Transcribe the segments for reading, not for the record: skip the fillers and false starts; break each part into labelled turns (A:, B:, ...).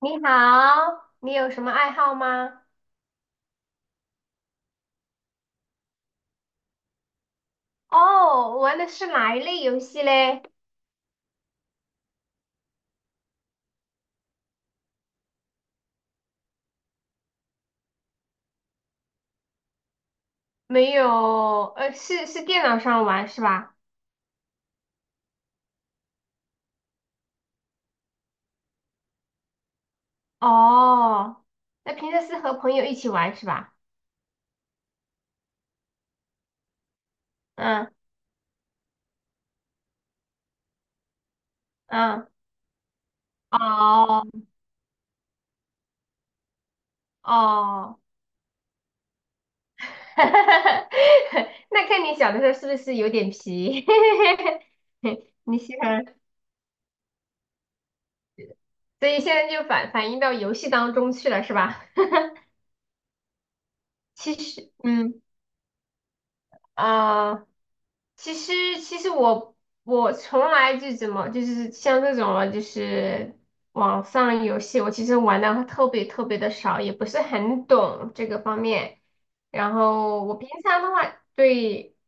A: 你好，你有什么爱好吗？哦，玩的是哪一类游戏嘞？没有，是电脑上玩是吧？哦，那平时是和朋友一起玩是吧？嗯嗯，哦哦，那看你小的时候是不是有点皮？你喜欢，所以现在就反映到游戏当中去了是吧？其实，嗯，啊。其实，其实我我从来就怎么就是像这种了，就是网上游戏，我其实玩的特别特别的少，也不是很懂这个方面。然后我平常的话，对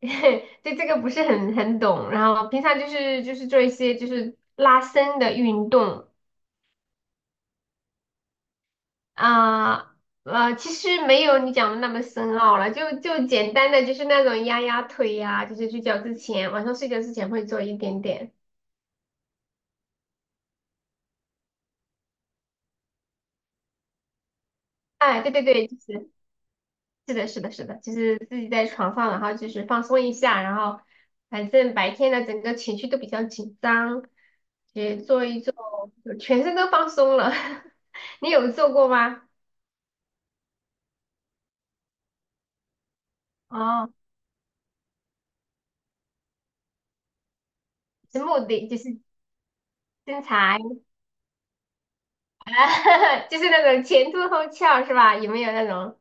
A: 对这个不是很懂。然后平常就是做一些就是拉伸的运动啊。其实没有你讲的那么深奥了，就简单的就是那种压压腿呀、就是睡觉之前，晚上睡觉之前会做一点点。哎，对对对，就是是的，是的，是的，就是自己在床上，然后就是放松一下，然后反正白天的整个情绪都比较紧张，也做一做，就全身都放松了。你有做过吗？哦，是目的就是身材，就是那种前凸后翘是吧？有没有那种？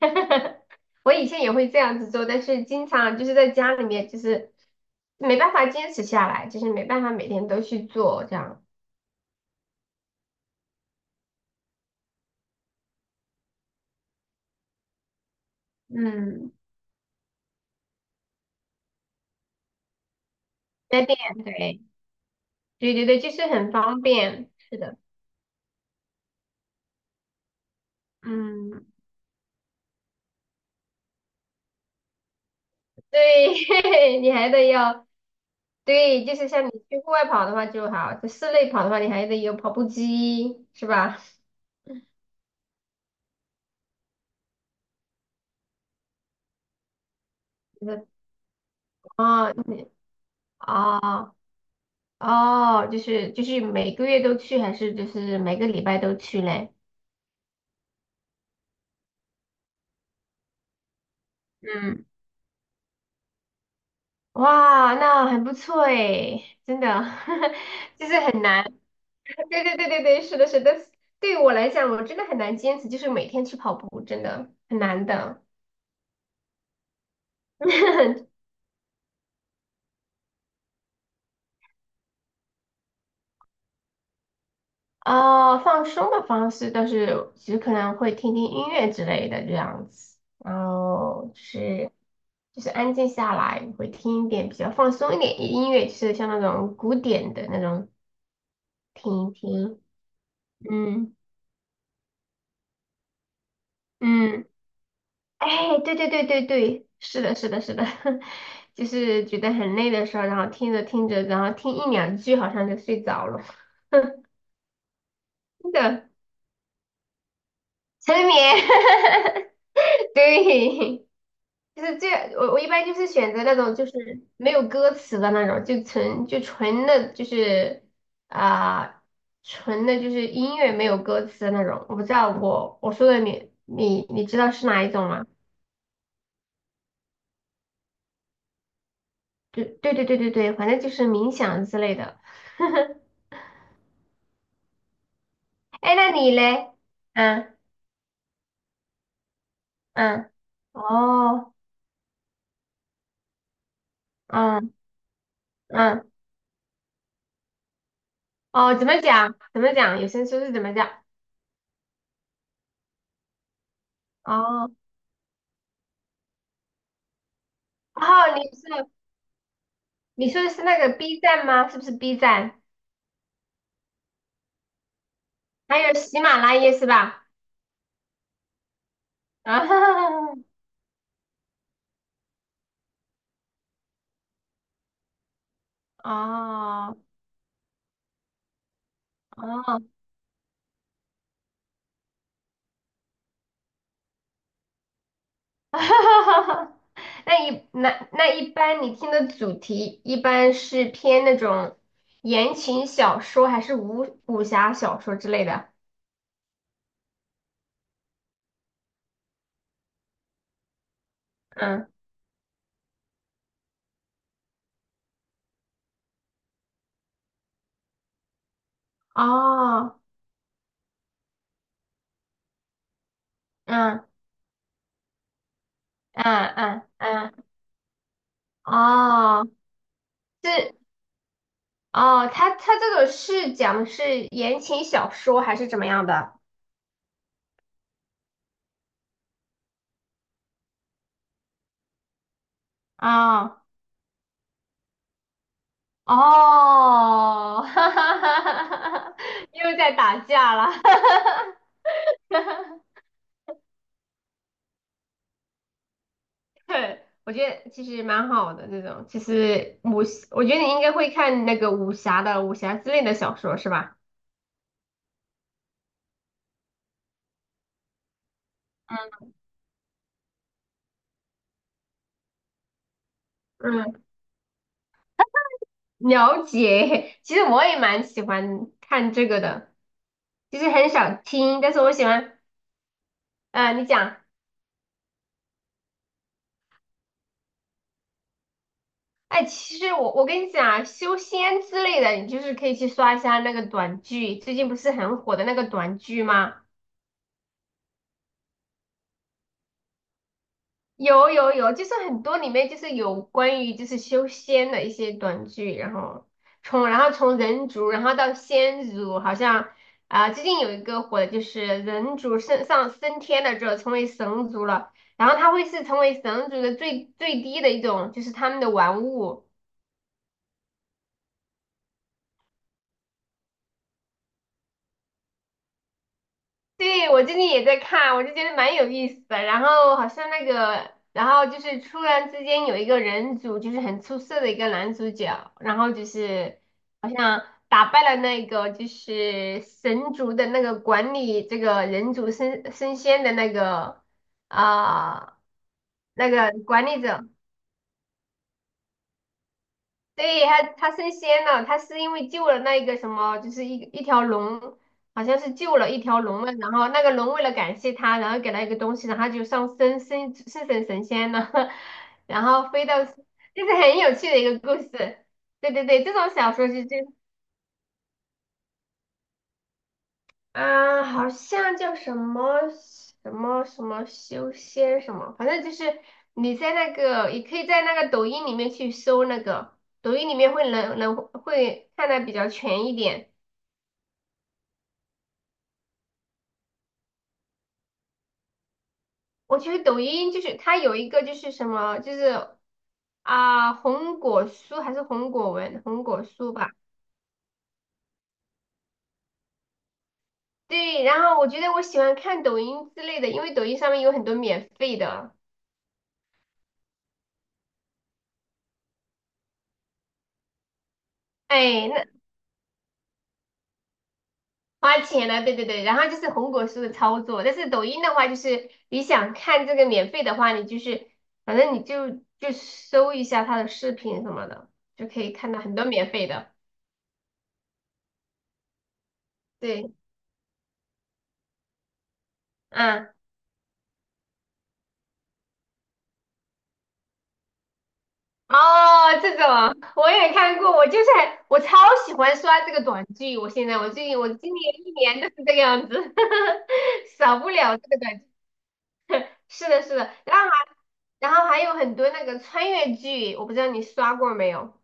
A: 我以前也会这样子做，但是经常就是在家里面，就是没办法坚持下来，就是没办法每天都去做这样。嗯。在店，对，对对对，就是很方便，是的，嗯，对，你还得要，对，就是像你去户外跑的话就好，在室内跑的话，你还得有跑步机，是吧？就是哦，你哦哦，就是每个月都去，还是就是每个礼拜都去嘞？嗯，哇，那很不错诶，真的，就是很难。对对对对对，是的，是的。对于我来讲，我真的很难坚持，就是每天去跑步，真的很难的。啊放松的方式倒是，其实可能会听听音乐之类的这样子，然后就是安静下来，会听一点比较放松一点的音乐，就是像那种古典的那种听一听。嗯嗯。哎，对对对对对，是的，是的，是的，就是觉得很累的时候，然后听着听着，然后听一两句，好像就睡着了，真的沉眠。对，就是这，我一般就是选择那种就是没有歌词的那种，就纯的，就是啊、纯的就是音乐没有歌词的那种。我不知道我说的你知道是哪一种吗？对对对对对对，反正就是冥想之类的。哎，那你嘞？嗯嗯，哦，嗯嗯，哦，怎么讲？怎么讲？有声书是怎么讲？哦哦，你是你说的是那个 B 站吗？是不是 B 站？还有喜马拉雅是吧？啊，哦哦，那一那那一般你听的主题一般是偏那种言情小说，还是武侠小说之类的？嗯，哦，嗯嗯嗯嗯。哦，是哦，他这个是讲的是言情小说还是怎么样的？啊、哦，哈哈哈哈哈，又在打架了，对，我觉得其实蛮好的这种，其实武，我觉得你应该会看那个武侠之类的小说是吧？嗯，嗯，了解。其实我也蛮喜欢看这个的，其实很少听，但是我喜欢。你讲。哎，其实我跟你讲啊，修仙之类的，你就是可以去刷一下那个短剧，最近不是很火的那个短剧吗？有有有，就是很多里面就是有关于就是修仙的一些短剧，然后从人族，然后到仙族，好像最近有一个火的就是人族升天了之后成为神族了，然后他会是成为神族的最低的一种，就是他们的玩物。对，我最近也在看，我就觉得蛮有意思的。然后好像那个，然后就是突然之间有一个人族，就是很出色的一个男主角，然后就是好像打败了那个就是神族的那个管理这个人族升仙的啊、那个管理者。对，他升仙了，他是因为救了那一个什么，就是一条龙，好像是救了一条龙嘛，然后那个龙为了感谢他，然后给他一个东西，然后他就上升成神仙了，然后飞到，这是很有趣的一个故事。对对对，这种小说就啊，好像叫什么什么什么修仙什么，反正就是你在那个，也可以在那个抖音里面去搜那个，抖音里面能看的比较全一点。我觉得抖音就是它有一个就是什么，就是啊红果书还是红果文，红果书吧。对，然后我觉得我喜欢看抖音之类的，因为抖音上面有很多免费的。哎，花钱了，对对对，然后就是红果树的操作，但是抖音的话，就是你想看这个免费的话，你就是反正你就搜一下他的视频什么的，就可以看到很多免费的。对，嗯，哦，这种我也看过，我就是我超喜欢刷这个短剧，我现在我最近我今年一年都是这个样子，少不了这个短剧。是的，是的，然后还有很多那个穿越剧，我不知道你刷过没有。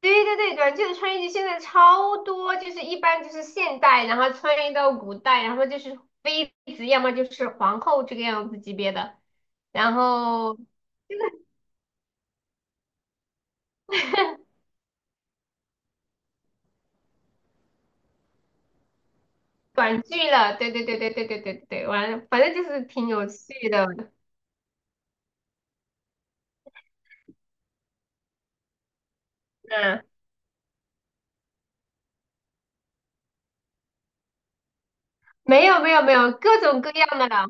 A: 对对对，短剧的穿越剧现在超多，就是一般就是现代，然后穿越到古代，然后就是妃子，要么就是皇后这个样子级别的，然后就是短剧了，对对对对对对对对，完了，反正就是挺有趣的，嗯，没有没有没有，各种各样的了，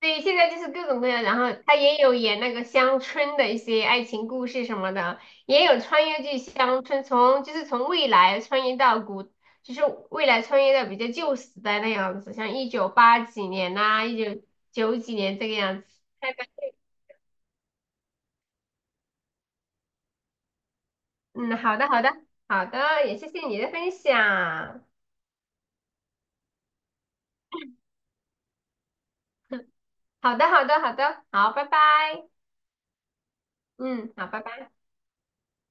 A: 对，现在就是各种各样，然后他也有演那个乡村的一些爱情故事什么的，也有穿越剧乡村，从就是从未来穿越到古，就是未来穿越到比较旧时代那样子，像一九八几年呐、一九九几年这个样子。太棒了嗯，好的，好的，好的，也谢谢你的分享。好的，好的，好的，好，拜拜。嗯，好，拜拜。